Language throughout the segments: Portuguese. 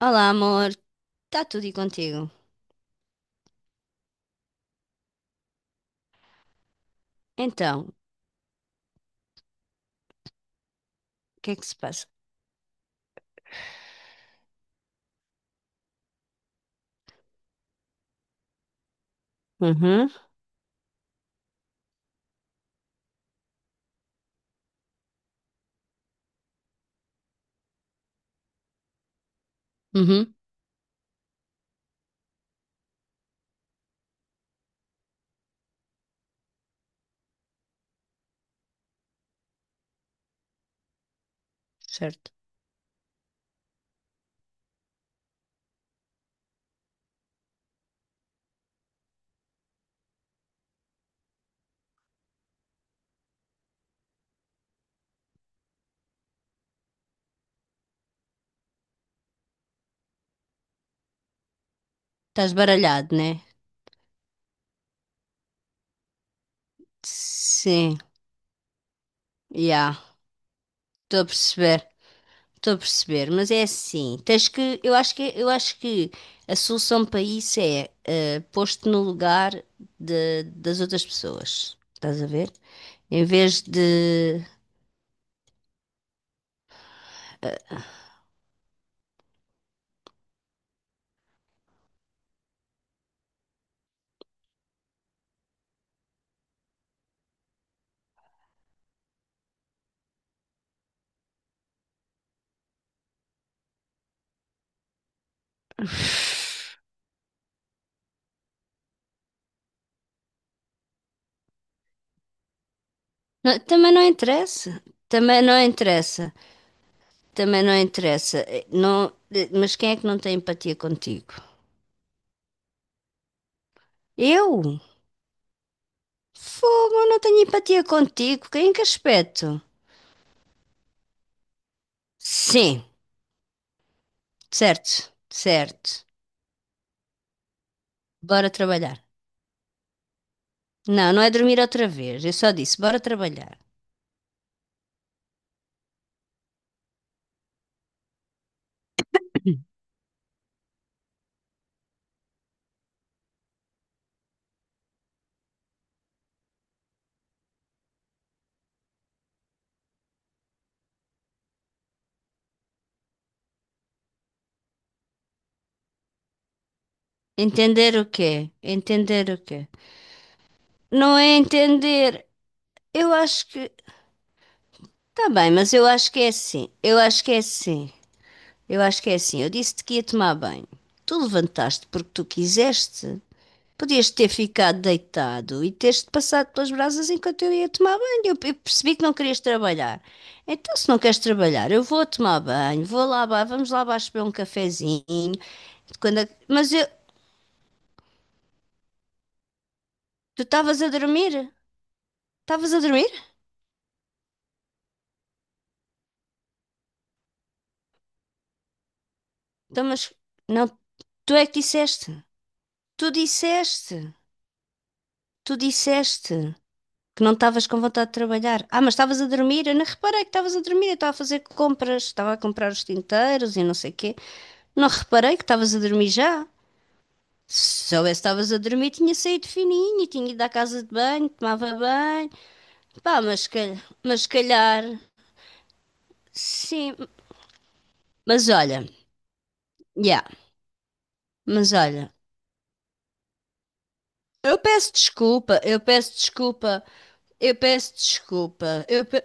Olá, amor. Está tudo e contigo? Então, o que é que se passa? Uhum, uhum, certo. Estás baralhado, né? Sim, já. Estou a perceber, estou a perceber. Mas é assim, eu acho que a solução para isso é pôr-te no lugar das outras pessoas. Estás a ver? Em vez de. Não, também não interessa. Também não interessa. Também não interessa. Não, mas quem é que não tem empatia contigo? Eu? Fogo, eu não tenho empatia contigo. Em que aspecto? Sim, certo, certo. Bora trabalhar. Não, não é dormir outra vez. Eu só disse, bora trabalhar. Entender o quê? Entender o quê? Não é entender. Eu acho que. Tá bem, mas eu acho que é assim. Eu acho que é assim. Eu acho que é assim. Eu disse-te que ia tomar banho. Tu levantaste porque tu quiseste. Podias ter ficado deitado e teres-te passado pelas brasas enquanto eu ia tomar banho. Eu percebi que não querias trabalhar. Então, se não queres trabalhar, eu vou tomar banho, vou lá, vamos lá abaixo beber um cafezinho. Mas eu, tu estavas a dormir? Estavas a dormir? Então, mas não, tu é que disseste. Tu disseste. Tu disseste que não estavas com vontade de trabalhar. Ah, mas estavas a dormir? Eu não reparei que estavas a dormir. Eu estava a fazer compras, estava a comprar os tinteiros e não sei o quê. Não reparei que estavas a dormir já. Se soubesse que estavas a dormir, tinha saído fininho, tinha ido à casa de banho, tomava banho. Pá, mas se calhar, mas se calhar. Sim, mas olha, yeah, mas olha. Eu peço desculpa, eu peço desculpa, eu peço desculpa.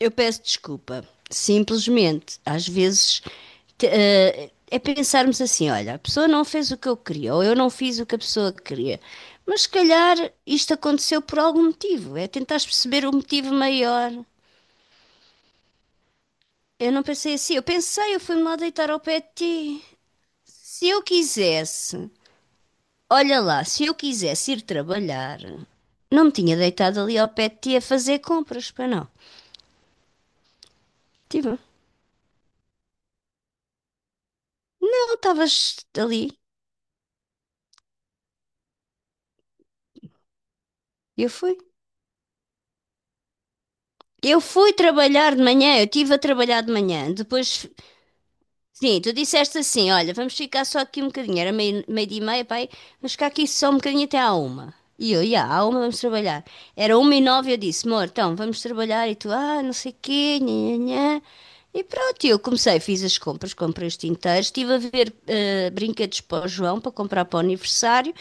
Eu peço desculpa. Simplesmente, às vezes, é pensarmos assim: olha, a pessoa não fez o que eu queria, ou eu não fiz o que a pessoa queria. Mas se calhar isto aconteceu por algum motivo. É tentar perceber o motivo maior. Eu não pensei assim. Eu pensei, eu fui-me lá deitar ao pé de ti. Se eu quisesse, olha lá, se eu quisesse ir trabalhar, não me tinha deitado ali ao pé de ti a fazer compras, para não. Tipo, não, estavas ali. Eu fui. Eu fui trabalhar de manhã, eu estive a trabalhar de manhã. Depois, sim, tu disseste assim: olha, vamos ficar só aqui um bocadinho. Era meio dia e meia, pai, vamos ficar aqui só um bocadinho até à uma. E eu, ia, à uma vamos trabalhar. Era uma e nove, eu disse: amor, então vamos trabalhar. E tu, ah, não sei o quê, nhanhã. E pronto, eu comecei, fiz as compras, comprei os tinteiros, estive a ver brinquedos para o João, para comprar para o aniversário,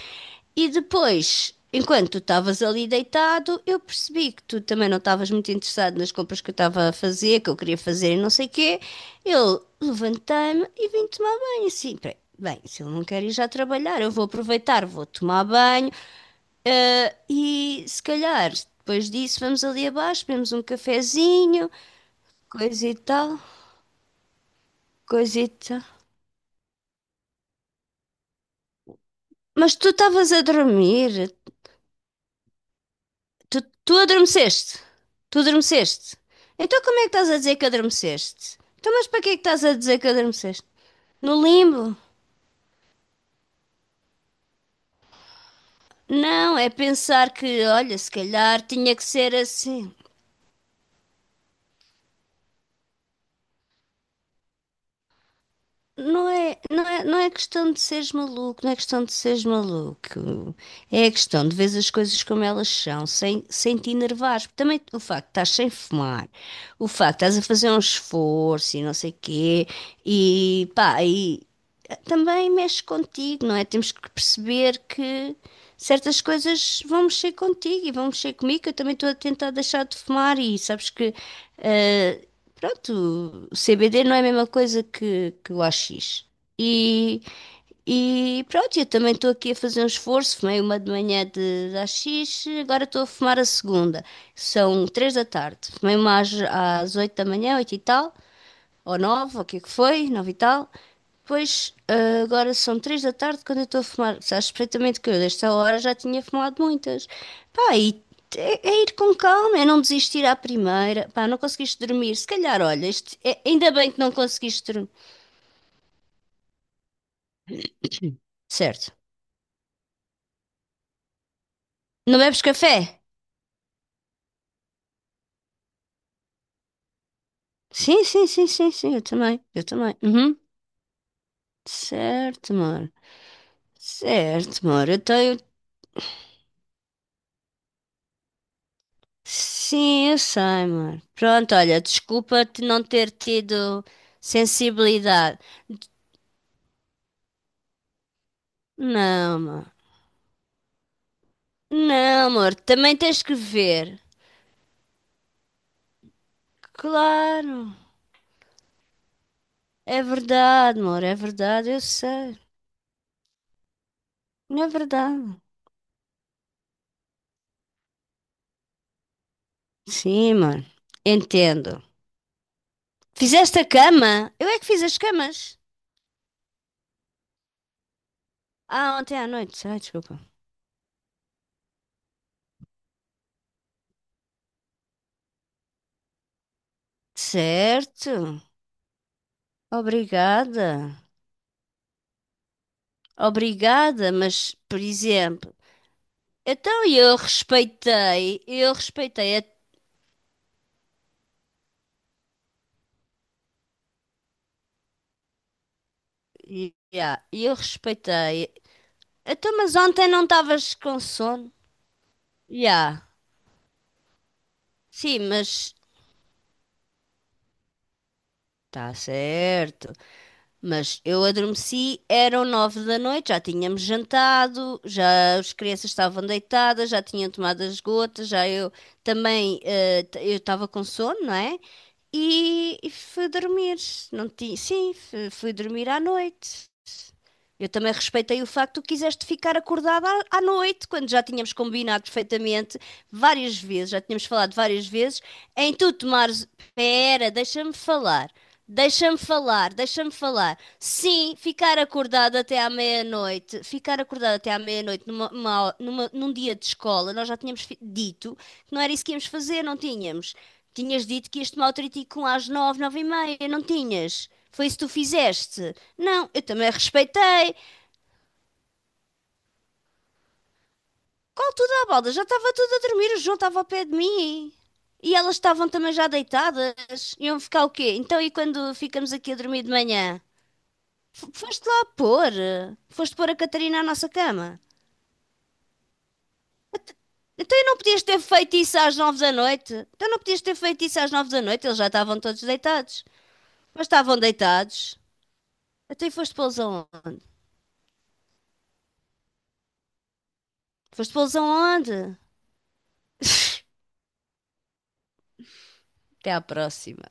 e depois, enquanto tu estavas ali deitado, eu percebi que tu também não estavas muito interessado nas compras que eu estava a fazer, que eu queria fazer e não sei o quê. Eu levantei-me e vim tomar banho, assim, peraí, bem, se ele não quer ir já trabalhar, eu vou aproveitar, vou tomar banho, e se calhar depois disso vamos ali abaixo, bebemos um cafezinho, coisa e tal coisita. Mas tu estavas a dormir. Tu, tu adormeceste. Tu adormeceste. Então como é que estás a dizer que adormeceste? Então mas para que é que estás a dizer que adormeceste? No limbo? Não, é pensar que, olha, se calhar tinha que ser assim. Não é, não é, não é questão de seres maluco, não é questão de seres maluco. É a questão de ver as coisas como elas são, sem te enervares. Porque também o facto de estás sem fumar, o facto de estás a fazer um esforço e não sei quê, e pá, também mexe contigo, não é? Temos que perceber que certas coisas vão mexer contigo e vão mexer comigo. Eu também estou a tentar deixar de fumar e sabes que, eh, pronto, o CBD não é a mesma coisa que o AX. E, e pronto, eu também estou aqui a fazer um esforço. Fumei uma de manhã de AX, agora estou a fumar a segunda. São 3 da tarde. Fumei uma às 8 da manhã, 8 e tal ou nove, ou o que é que foi, 9 e tal. Depois, agora são 3 da tarde quando eu estou a fumar. Sabes perfeitamente que eu, desta hora, já tinha fumado muitas. Pá, e é ir com calma, é não desistir à primeira. Pá, não conseguiste dormir. Se calhar, olha, ainda bem que não conseguiste dormir. Certo. Não bebes café? Sim, sim, sim, sim, sim, eu também. Eu também. Uhum. Certo, amor. Certo, amor. Eu tenho. Sim, eu sei, amor. Pronto, olha, desculpa-te não ter tido sensibilidade. Não, amor. Não, amor, também tens que ver. Claro, é verdade, amor, é verdade, eu sei. É verdade. Sim, amor, entendo. Fizeste a cama? Eu é que fiz as camas. Ah, ontem à noite, ai, desculpa. Certo, obrigada. Obrigada, mas, por exemplo. Então e eu respeitei, yeah, eu respeitei. Então, mas ontem não estavas com sono? Yeah. Sim, mas tá certo. Mas eu adormeci, eram 9 da noite, já tínhamos jantado, já as crianças estavam deitadas, já tinham tomado as gotas, já eu também, eu estava com sono, não é? E fui dormir. Não ti, sim, fui dormir à noite. Eu também respeitei o facto que tu quiseste ficar acordada à noite, quando já tínhamos combinado perfeitamente várias vezes, já tínhamos falado várias vezes, em tu tomares. Pera, deixa-me falar. Deixa-me falar, deixa-me falar. Sim, ficar acordado até à meia-noite, ficar acordado até à meia-noite num dia de escola, nós já tínhamos dito que não era isso que íamos fazer, não tínhamos. Tinhas dito que ias tomar o tritico às 9, 9h30, não tinhas? Foi isso que tu fizeste? Não, eu também respeitei. Qual tudo à balda? Já estava tudo a dormir, o João estava ao pé de mim. E elas estavam também já deitadas. Iam ficar o quê? Então, e quando ficamos aqui a dormir de manhã? Foste lá pôr? Foste pôr a Catarina à nossa cama? Ent- Então, e não podias ter feito isso às 9 da noite? Então, não podias ter feito isso às 9 da noite? Eles já estavam todos deitados. Mas estavam deitados. Até foste pô-los aonde? Foste pô-los aonde? Até à próxima.